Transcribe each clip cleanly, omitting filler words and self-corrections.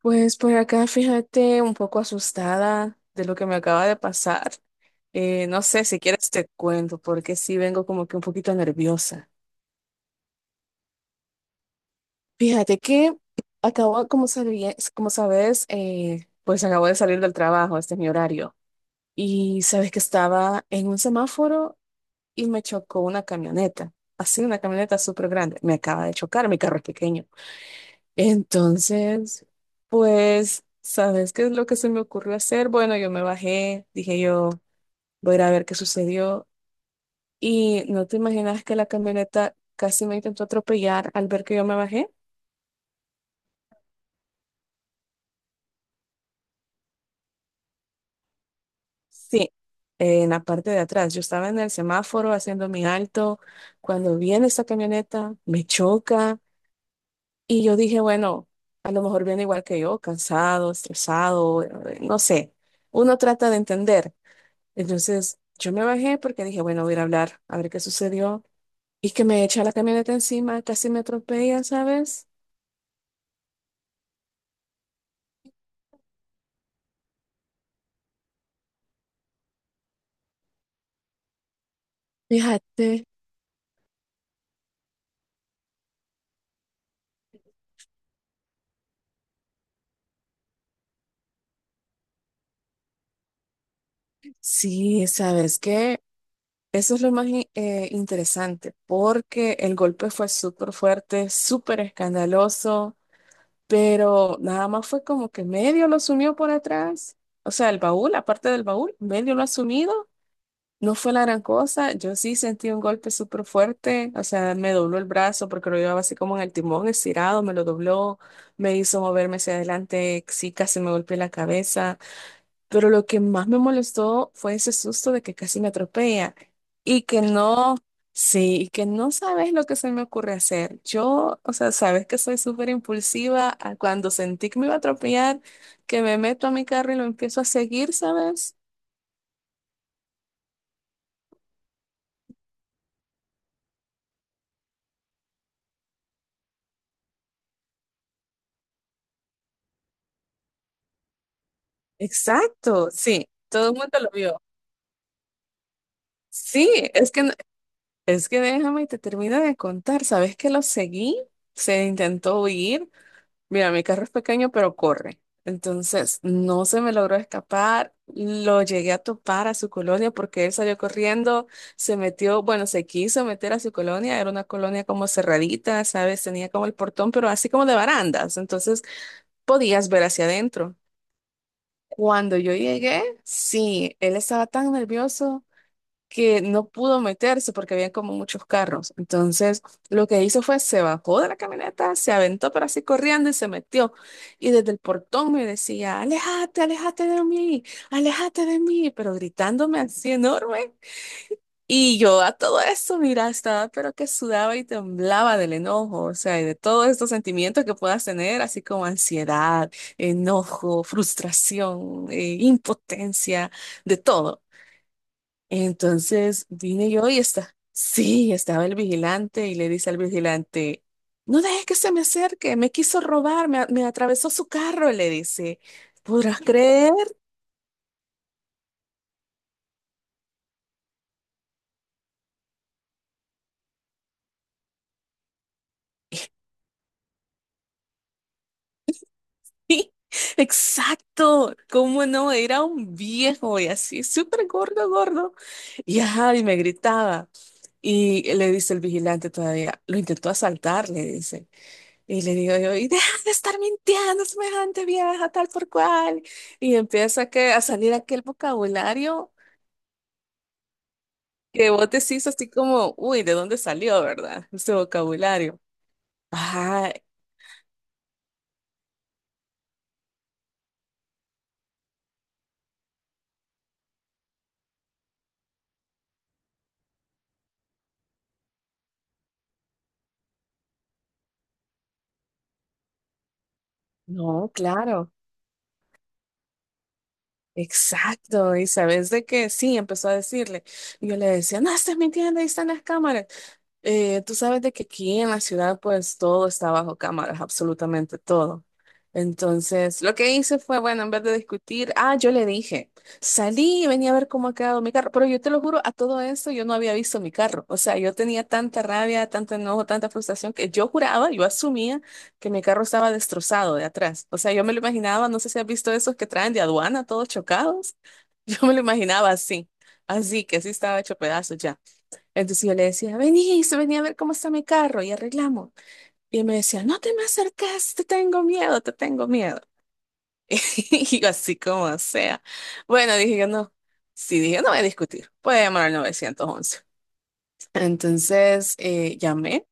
Pues por acá, fíjate, un poco asustada de lo que me acaba de pasar. No sé si quieres te cuento, porque sí vengo como que un poquito nerviosa. Fíjate que como sabes, pues acabo de salir del trabajo, este es mi horario. Y sabes que estaba en un semáforo y me chocó una camioneta, así una camioneta súper grande. Me acaba de chocar, mi carro es pequeño. Entonces, pues, ¿sabes qué es lo que se me ocurrió hacer? Bueno, yo me bajé, dije yo, voy a ir a ver qué sucedió. Y no te imaginas que la camioneta casi me intentó atropellar al ver que yo me bajé. Sí, en la parte de atrás. Yo estaba en el semáforo haciendo mi alto. Cuando viene esta camioneta, me choca. Y yo dije, bueno, a lo mejor viene igual que yo, cansado, estresado, no sé. Uno trata de entender. Entonces yo me bajé porque dije, bueno, voy a ir a hablar, a ver qué sucedió. Y que me echa la camioneta encima, casi me atropella, ¿sabes? Fíjate, sí, ¿sabes qué? Eso es lo más interesante, porque el golpe fue súper fuerte, súper escandaloso, pero nada más fue como que medio lo sumió por atrás. O sea, el baúl, aparte del baúl, medio lo ha sumido. No fue la gran cosa, yo sí sentí un golpe súper fuerte, o sea, me dobló el brazo porque lo llevaba así como en el timón estirado, me lo dobló, me hizo moverme hacia adelante, sí, casi me golpeé la cabeza, pero lo que más me molestó fue ese susto de que casi me atropella y que no, sí, y que no sabes lo que se me ocurre hacer. Yo, o sea, sabes que soy súper impulsiva, a cuando sentí que me iba a atropellar, que me meto a mi carro y lo empiezo a seguir, ¿sabes? Exacto, sí, todo el mundo lo vio. Sí, es que, no- es que déjame y te termino de contar. ¿Sabes que lo seguí? Se intentó huir. Mira, mi carro es pequeño, pero corre. Entonces, no se me logró escapar. Lo llegué a topar a su colonia porque él salió corriendo, se metió, bueno, se quiso meter a su colonia. Era una colonia como cerradita, ¿sabes? Tenía como el portón, pero así como de barandas. Entonces, podías ver hacia adentro. Cuando yo llegué, sí, él estaba tan nervioso que no pudo meterse porque había como muchos carros. Entonces, lo que hizo fue se bajó de la camioneta, se aventó pero así corriendo y se metió. Y desde el portón me decía, aléjate, aléjate de mí, pero gritándome así enorme. Y yo a todo eso, mira, estaba pero que sudaba y temblaba del enojo, o sea, y de todos estos sentimientos que puedas tener, así como ansiedad, enojo, frustración, impotencia, de todo. Entonces vine yo y está. Sí, estaba el vigilante y le dice al vigilante, no dejes que se me acerque, me quiso robar, me atravesó su carro, le dice. ¿Podrás creer? Sí, exacto, ¿cómo no? Era un viejo y así, súper gordo, gordo. Y ajá, y me gritaba. Y le dice el vigilante todavía, lo intentó asaltar, le dice. Y le digo yo, y deja de estar mintiendo, semejante vieja, tal por cual. Y empieza que, a salir aquel vocabulario que vos decís así como, uy, ¿de dónde salió, verdad? Ese vocabulario. Ah, no, claro, exacto. Y sabes de que sí, empezó a decirle. Y yo le decía, no, estás mintiendo, ahí están las cámaras. Tú sabes de que aquí en la ciudad pues todo está bajo cámaras, absolutamente todo. Entonces, lo que hice fue, bueno, en vez de discutir, ah, yo le dije, salí y venía a ver cómo ha quedado mi carro, pero yo te lo juro, a todo esto yo no había visto mi carro. O sea, yo tenía tanta rabia, tanto enojo, tanta frustración que yo juraba, yo asumía que mi carro estaba destrozado de atrás. O sea, yo me lo imaginaba, no sé si has visto esos que traen de aduana todos chocados. Yo me lo imaginaba así, así que así estaba hecho pedazos ya. Entonces yo le decía, vení, se venía a ver cómo está mi carro y arreglamos. Y él me decía, no te me acercas, te tengo miedo, te tengo miedo. Y yo así como sea. Bueno, dije yo no. Sí, dije, no voy a discutir, voy a llamar al 911. Entonces llamé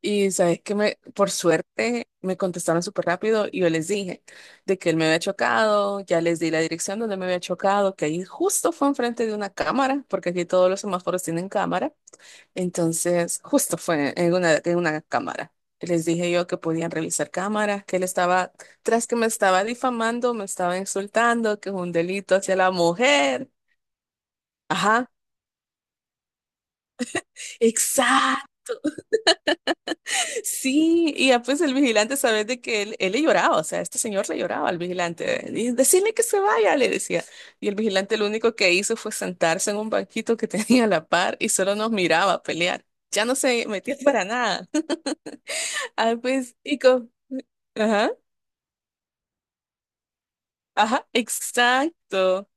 y sabes que me, por suerte me contestaron súper rápido y yo les dije de que él me había chocado, ya les di la dirección donde me había chocado, que ahí justo fue enfrente de una cámara, porque aquí todos los semáforos tienen cámara. Entonces, justo fue en una cámara. Les dije yo que podían revisar cámaras, que él estaba, tras que me estaba difamando, me estaba insultando, que es un delito hacia la mujer. Ajá, exacto, sí. Y ya pues el vigilante, sabes de que él le lloraba, o sea, este señor le lloraba al vigilante. Y decirle que se vaya, le decía. Y el vigilante lo único que hizo fue sentarse en un banquito que tenía a la par y solo nos miraba pelear. Ya no se metía para nada. Ah, pues, y co- Ajá. Ajá, exacto.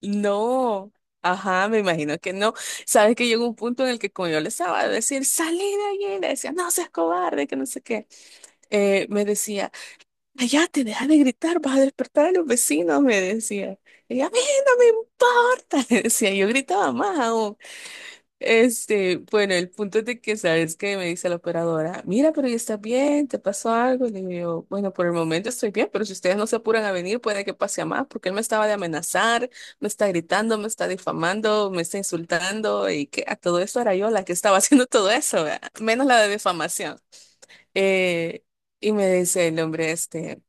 No. Ajá, me imagino que no. Sabes que llegó un punto en el que como yo le estaba a decir, salí de allí, le decía, no seas cobarde, que no sé qué. Me decía, allá te deja de gritar, vas a despertar a los vecinos, me decía. Y a mí no me importa, le decía, yo gritaba más aún. Este, bueno, el punto es de que sabes que me dice la operadora, mira, pero ya está bien, te pasó algo. Y le digo, bueno, por el momento estoy bien, pero si ustedes no se apuran a venir, puede que pase a más, porque él me estaba de amenazar, me está gritando, me está difamando, me está insultando, y que a todo esto era yo la que estaba haciendo todo eso, ¿verdad? Menos la de difamación. Eh, y me dice el hombre este,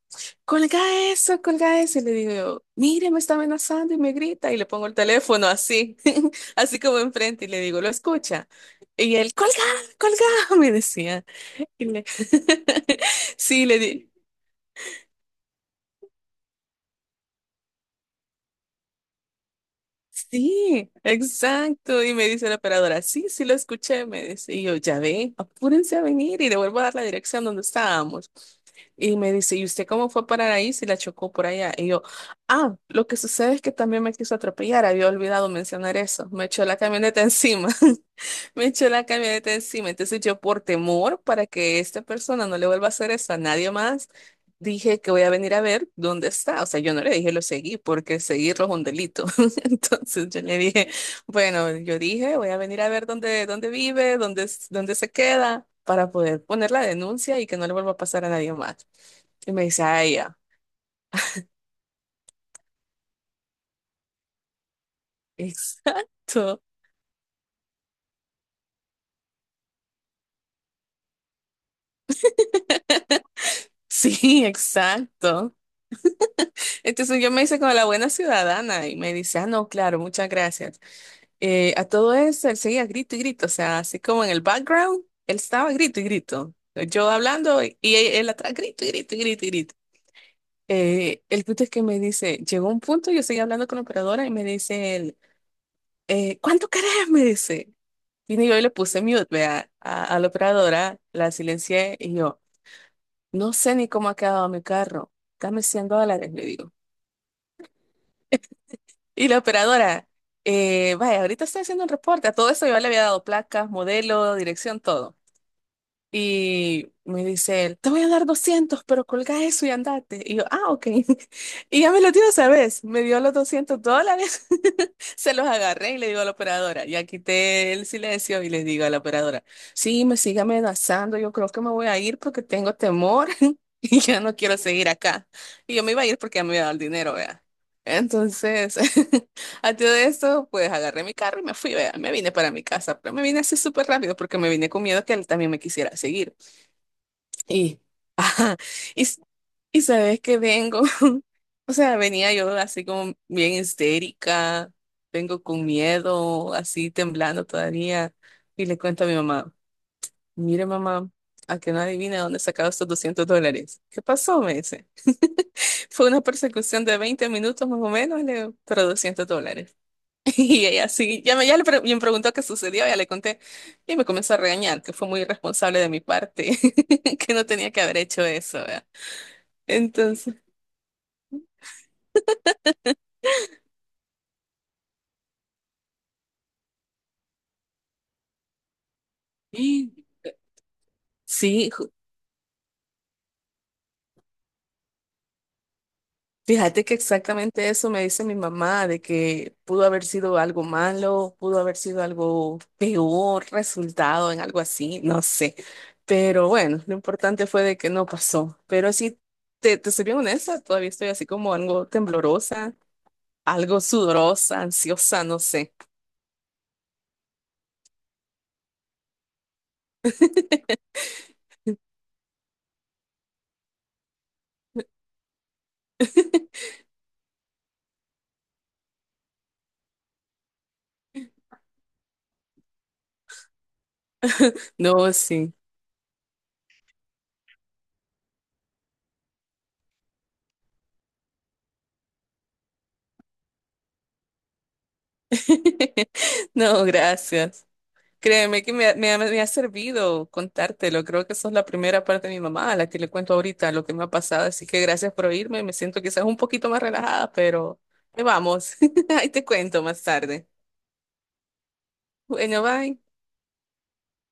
colga eso, colga eso. Y le digo yo, mire, me está amenazando y me grita. Y le pongo el teléfono así, así como enfrente y le digo, lo escucha. Y él, colga, colga, me decía. Y le- sí, le di. Sí, exacto. Y me dice la operadora, sí, sí lo escuché, me dice. Y yo, ya ve, apúrense a venir y le vuelvo a dar la dirección donde estábamos. Y me dice, ¿y usted cómo fue a parar ahí si la chocó por allá? Y yo, ah, lo que sucede es que también me quiso atropellar, había olvidado mencionar eso. Me echó la camioneta encima. Me echó la camioneta encima. Entonces yo por temor para que esta persona no le vuelva a hacer eso a nadie más, dije que voy a venir a ver dónde está. O sea, yo no le dije lo seguí porque seguirlo es un delito. Entonces yo le dije, bueno, yo dije, voy a venir a ver dónde, dónde vive, dónde, s- dónde se queda para poder poner la denuncia y que no le vuelva a pasar a nadie más. Y me dice, ah, ya, exacto. Sí, exacto. Entonces yo me hice como la buena ciudadana y me dice, ah, no, claro, muchas gracias. A todo eso, él seguía grito y grito, o sea, así como en el background, él estaba grito y grito. Yo hablando y él, atrás grito y grito y grito y grito. El punto es que me dice, llegó un punto, yo seguía hablando con la operadora y me dice él, ¿cuánto querés? Me dice. Y yo le puse mute, vea, a la operadora, la silencié y yo, no sé ni cómo ha quedado mi carro, dame $100, le digo. Y la operadora, vaya, ahorita estoy haciendo un reporte, a todo eso yo le había dado placas, modelo, dirección, todo. Y me dice él, te voy a dar 200 pero colga eso y andate. Y yo, ah, ok. Y ya me lo dio esa vez. Me dio los $200. Se los agarré y le digo a la operadora. Ya quité el silencio y les digo a la operadora, sí, me sigue amenazando. Yo creo que me voy a ir porque tengo temor y ya no quiero seguir acá. Y yo me iba a ir porque ya me había dado el dinero, vea. Entonces, a todo esto, pues agarré mi carro y me fui, vea, me vine para mi casa, pero me vine así súper rápido porque me vine con miedo que él también me quisiera seguir. Y, ajá, y, s- y sabes que vengo, o sea, venía yo así como bien histérica, vengo con miedo, así temblando todavía, y le cuento a mi mamá, mire mamá, a que no adivina dónde he sacado estos $200. ¿Qué pasó? Me dice. Fue una persecución de 20 minutos más o menos, le digo, pero $200. Y ella sí, ya me preguntó qué sucedió, ya le conté y me comenzó a regañar, que fue muy irresponsable de mi parte, que no tenía que haber hecho eso, ¿verdad? Entonces, sí, sí, fíjate que exactamente eso me dice mi mamá, de que pudo haber sido algo malo, pudo haber sido algo peor, resultado en algo así, no sé. Pero bueno, lo importante fue de que no pasó. Pero sí, te soy bien honesta, todavía estoy así como algo temblorosa algo sudorosa, ansiosa, no sé. No, sí. No, gracias. Créeme que me ha servido contártelo. Creo que sos la primera parte de mi mamá a la que le cuento ahorita lo que me ha pasado. Así que gracias por oírme. Me siento quizás un poquito más relajada, pero ahí vamos. Ahí te cuento más tarde. Bueno, bye.